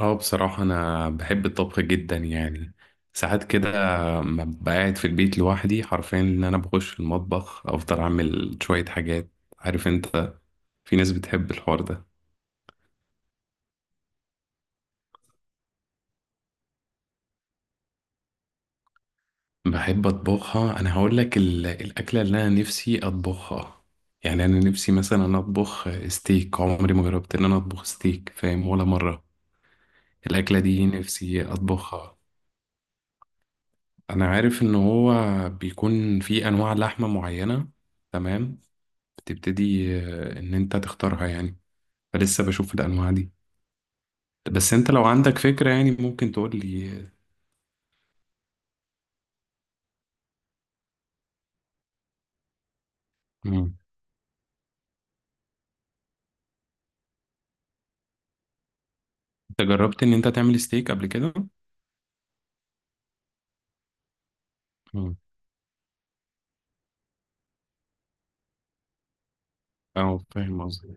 اه، بصراحة أنا بحب الطبخ جدا يعني. ساعات كده ما ببقى قاعد في البيت لوحدي حرفيا إن أنا بخش المطبخ أفضل أعمل شوية حاجات. عارف أنت، في ناس بتحب الحوار ده. بحب أطبخها، أنا هقول لك الأكلة اللي أنا نفسي أطبخها. يعني أنا نفسي مثلا أطبخ ستيك، عمري ما جربت إن أنا أطبخ ستيك، فاهم؟ ولا مرة. الأكلة دي نفسي أطبخها. أنا عارف إن هو بيكون في أنواع لحمة معينة، تمام؟ تبتدي ان انت تختارها يعني. فلسه بشوف الانواع دي. بس انت لو عندك فكرة يعني ممكن تقول لي. مم. انت جربت ان انت تعمل ستيك قبل كده؟ مم. اه فاهم قصدي.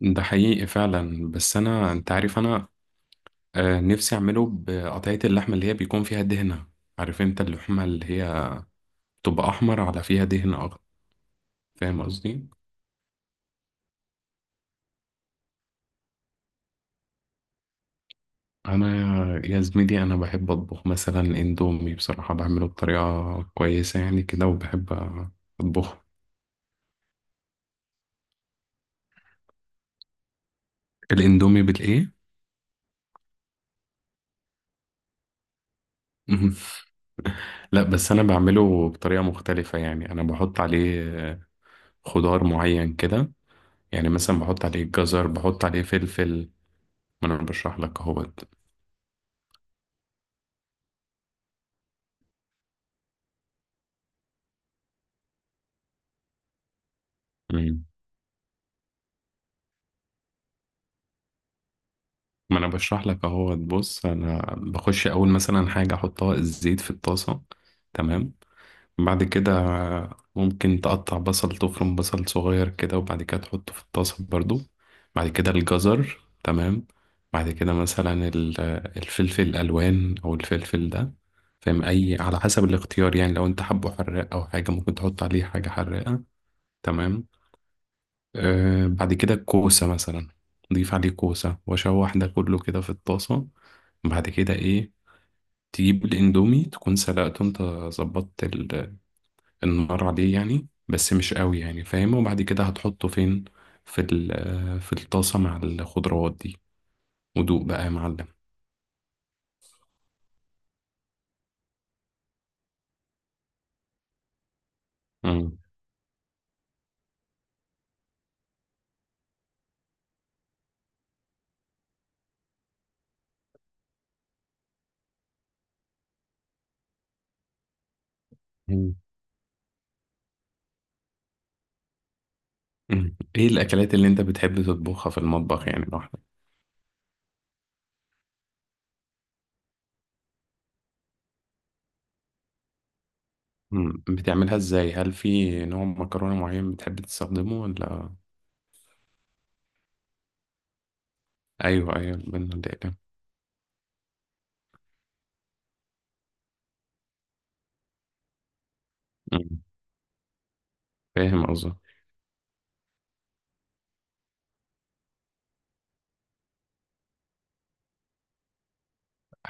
ده حقيقي فعلا، بس انا، انت عارف انا نفسي اعمله بقطعية اللحمة اللي هي بيكون فيها دهنة. عارف انت اللحمة اللي هي تبقى احمر على فيها دهن اخضر، فاهم قصدي؟ انا يا زميلي انا بحب اطبخ مثلا اندومي، بصراحة بعمله بطريقة كويسة يعني كده، وبحب اطبخه. الاندومي بالايه؟ مهم. لا بس انا بعمله بطريقه مختلفه يعني، انا بحط عليه آه، خضار معين كده، يعني مثلا بحط عليه جزر، بحط عليه فلفل. ما انا بشرح لك اهوت. مم. ما انا بشرح لك اهوت. بص انا بخش اول مثلا حاجه احطها الزيت في الطاسه، تمام؟ بعد كده ممكن تقطع بصل، تفرم بصل صغير كده، وبعد كده تحطه في الطاسة برضو. بعد كده الجزر، تمام؟ بعد كده مثلا الفلفل الألوان أو الفلفل ده، فاهم؟ أي على حسب الاختيار يعني، لو أنت حبه حراق أو حاجة ممكن تحط عليه حاجة حراقة، تمام؟ آه، بعد كده الكوسة مثلا، ضيف عليه كوسة وأشوح ده كله كده في الطاسة. بعد كده إيه، تجيب الإندومي تكون سلقته أنت، ظبطت النار عليه يعني بس مش قوي يعني، فاهم؟ وبعد كده هتحطه فين؟ في في الطاسة مع الخضروات دي. ودوق بقى يا معلم. مم. مم. مم. ايه الاكلات اللي انت بتحب تطبخها في المطبخ يعني لوحدك؟ مم. بتعملها ازاي؟ هل في نوع مكرونة معين بتحب تستخدمه ولا؟ ايوه ايوه، البن والدقيق. مم. فاهم.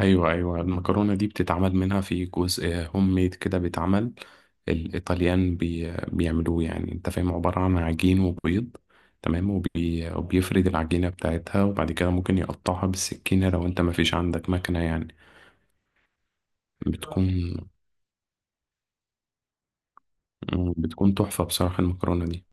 ايوه ايوه، المكرونه دي بتتعمل منها في جزء هوم ميد كده، بيتعمل الايطاليان بي بيعملوه يعني، انت فاهم؟ عباره عن عجين وبيض، تمام، وبي وبيفرد العجينه بتاعتها، وبعد كده ممكن يقطعها بالسكينه لو انت ما فيش عندك مكنه يعني. بتكون بتكون تحفه بصراحه المكرونه دي.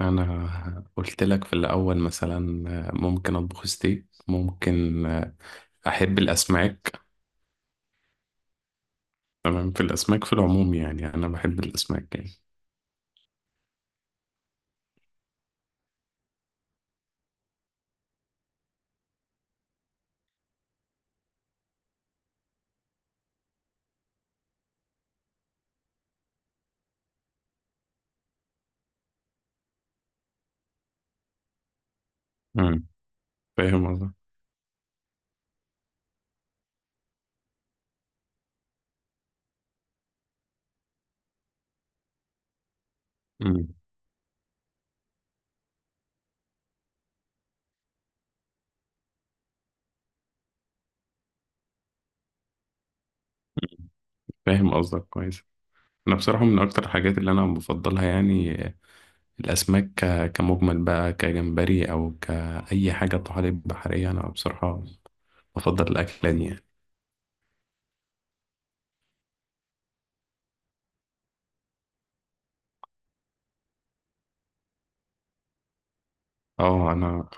انا قلت لك في الاول مثلا ممكن اطبخ ستيك، ممكن. احب الاسماك. تمام في الاسماك في العموم يعني، انا بحب الاسماك يعني. مم. فاهم. مم. فاهم قصدك كويس. انا بصراحه من اكتر الحاجات اللي انا بفضلها يعني الاسماك، كمجمل بقى، كجمبري او كاي حاجه، طحالب بحريه، انا بصراحه بفضل الاكله دي يعني. اه انا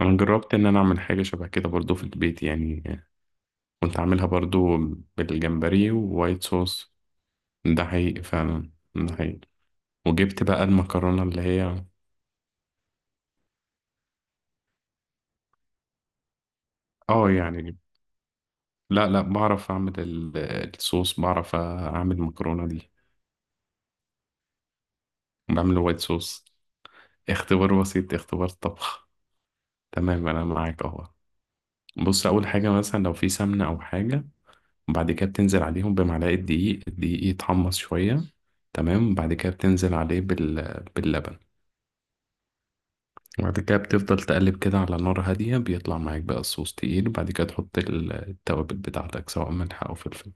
انا جربت ان انا اعمل حاجه شبه كده برضو في البيت يعني، كنت عاملها برضو، بالجمبري ووايت صوص. ده حقيقي فعلا، ده حقيقي. وجبت بقى المكرونه اللي هي، اه يعني. لا بعرف اعمل الصوص، بعرف اعمل المكرونه دي. بعمل وايت صوص. اختبار بسيط، اختبار طبخ. تمام انا معاك اهو. بص اول حاجه مثلا لو في سمنه او حاجه، وبعد كده بتنزل عليهم بمعلقه دقيق، الدقيق يتحمص شويه، تمام، وبعد كده بتنزل عليه بال... باللبن، وبعد كده بتفضل تقلب كده على نار هاديه، بيطلع معاك بقى الصوص تقيل، وبعد كده تحط التوابل بتاعتك سواء ملح او فلفل.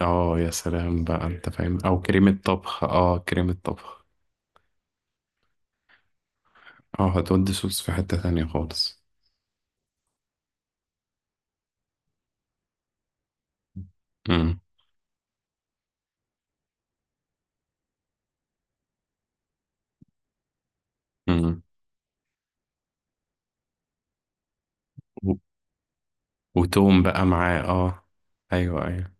اه يا سلام بقى، انت فاهم، او كريمه طبخ، اه كريمه طبخ. اه هتودي صوص في حته تانية خالص. امم. امم. وتوم بقى معاه، اه. ايوه ايوه.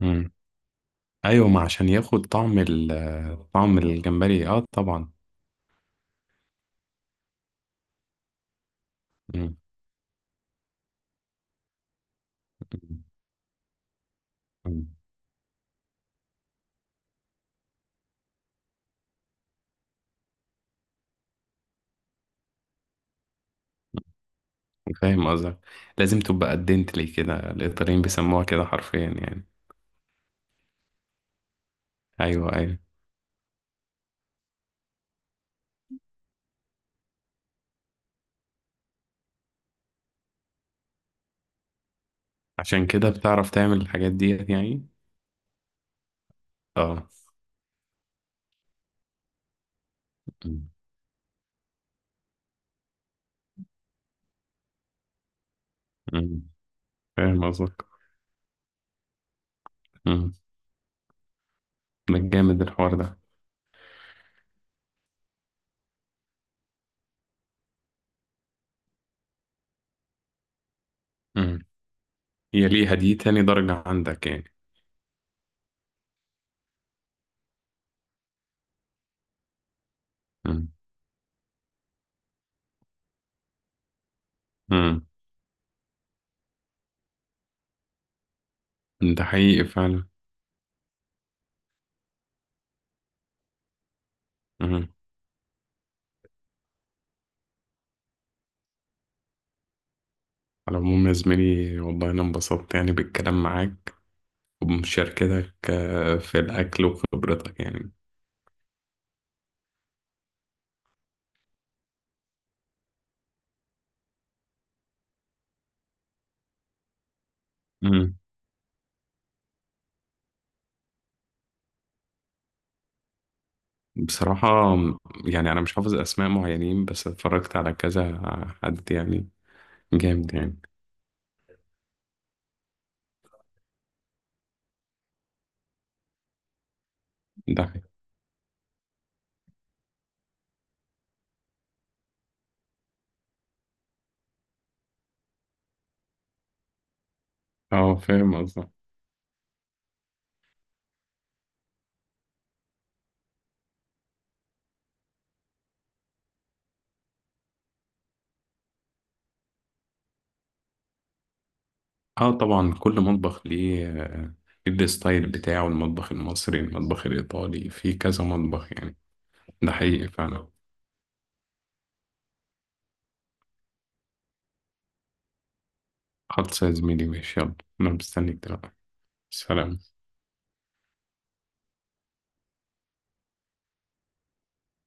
مم. ايوه، ما عشان ياخد طعم ال، طعم الجمبري، اه طبعا. مم. مم. فاهم قصدك. لازم تبقى قدنتلي كده، الايطاليين بيسموها كده حرفيا يعني. ايوه ايوه. عشان كده بتعرف تعمل الحاجات ديت يعني. اه. مم. مم. فاهم قصدك. مم. ده جامد الحوار ده. مم. هي ليها دي تاني درجة عندك يعني. مم. مم. ده حقيقي فعلا. مم. على العموم يا زميلي والله أنا انبسطت يعني بالكلام معاك وبمشاركتك، في الأكل وخبرتك يعني. مم. بصراحة يعني أنا مش حافظ أسماء معينين، بس اتفرجت على كذا حد يعني، جامد يعني. ده حقيقي. اه فاهم قصدك. اه طبعا، كل مطبخ ليه ليه الستايل بتاعه، المطبخ المصري، المطبخ الإيطالي، في كذا مطبخ يعني. ده حقيقي فعلا. خلص يا زميلي، ماشي، يلا. أنا مستنيك دلوقتي. سلام.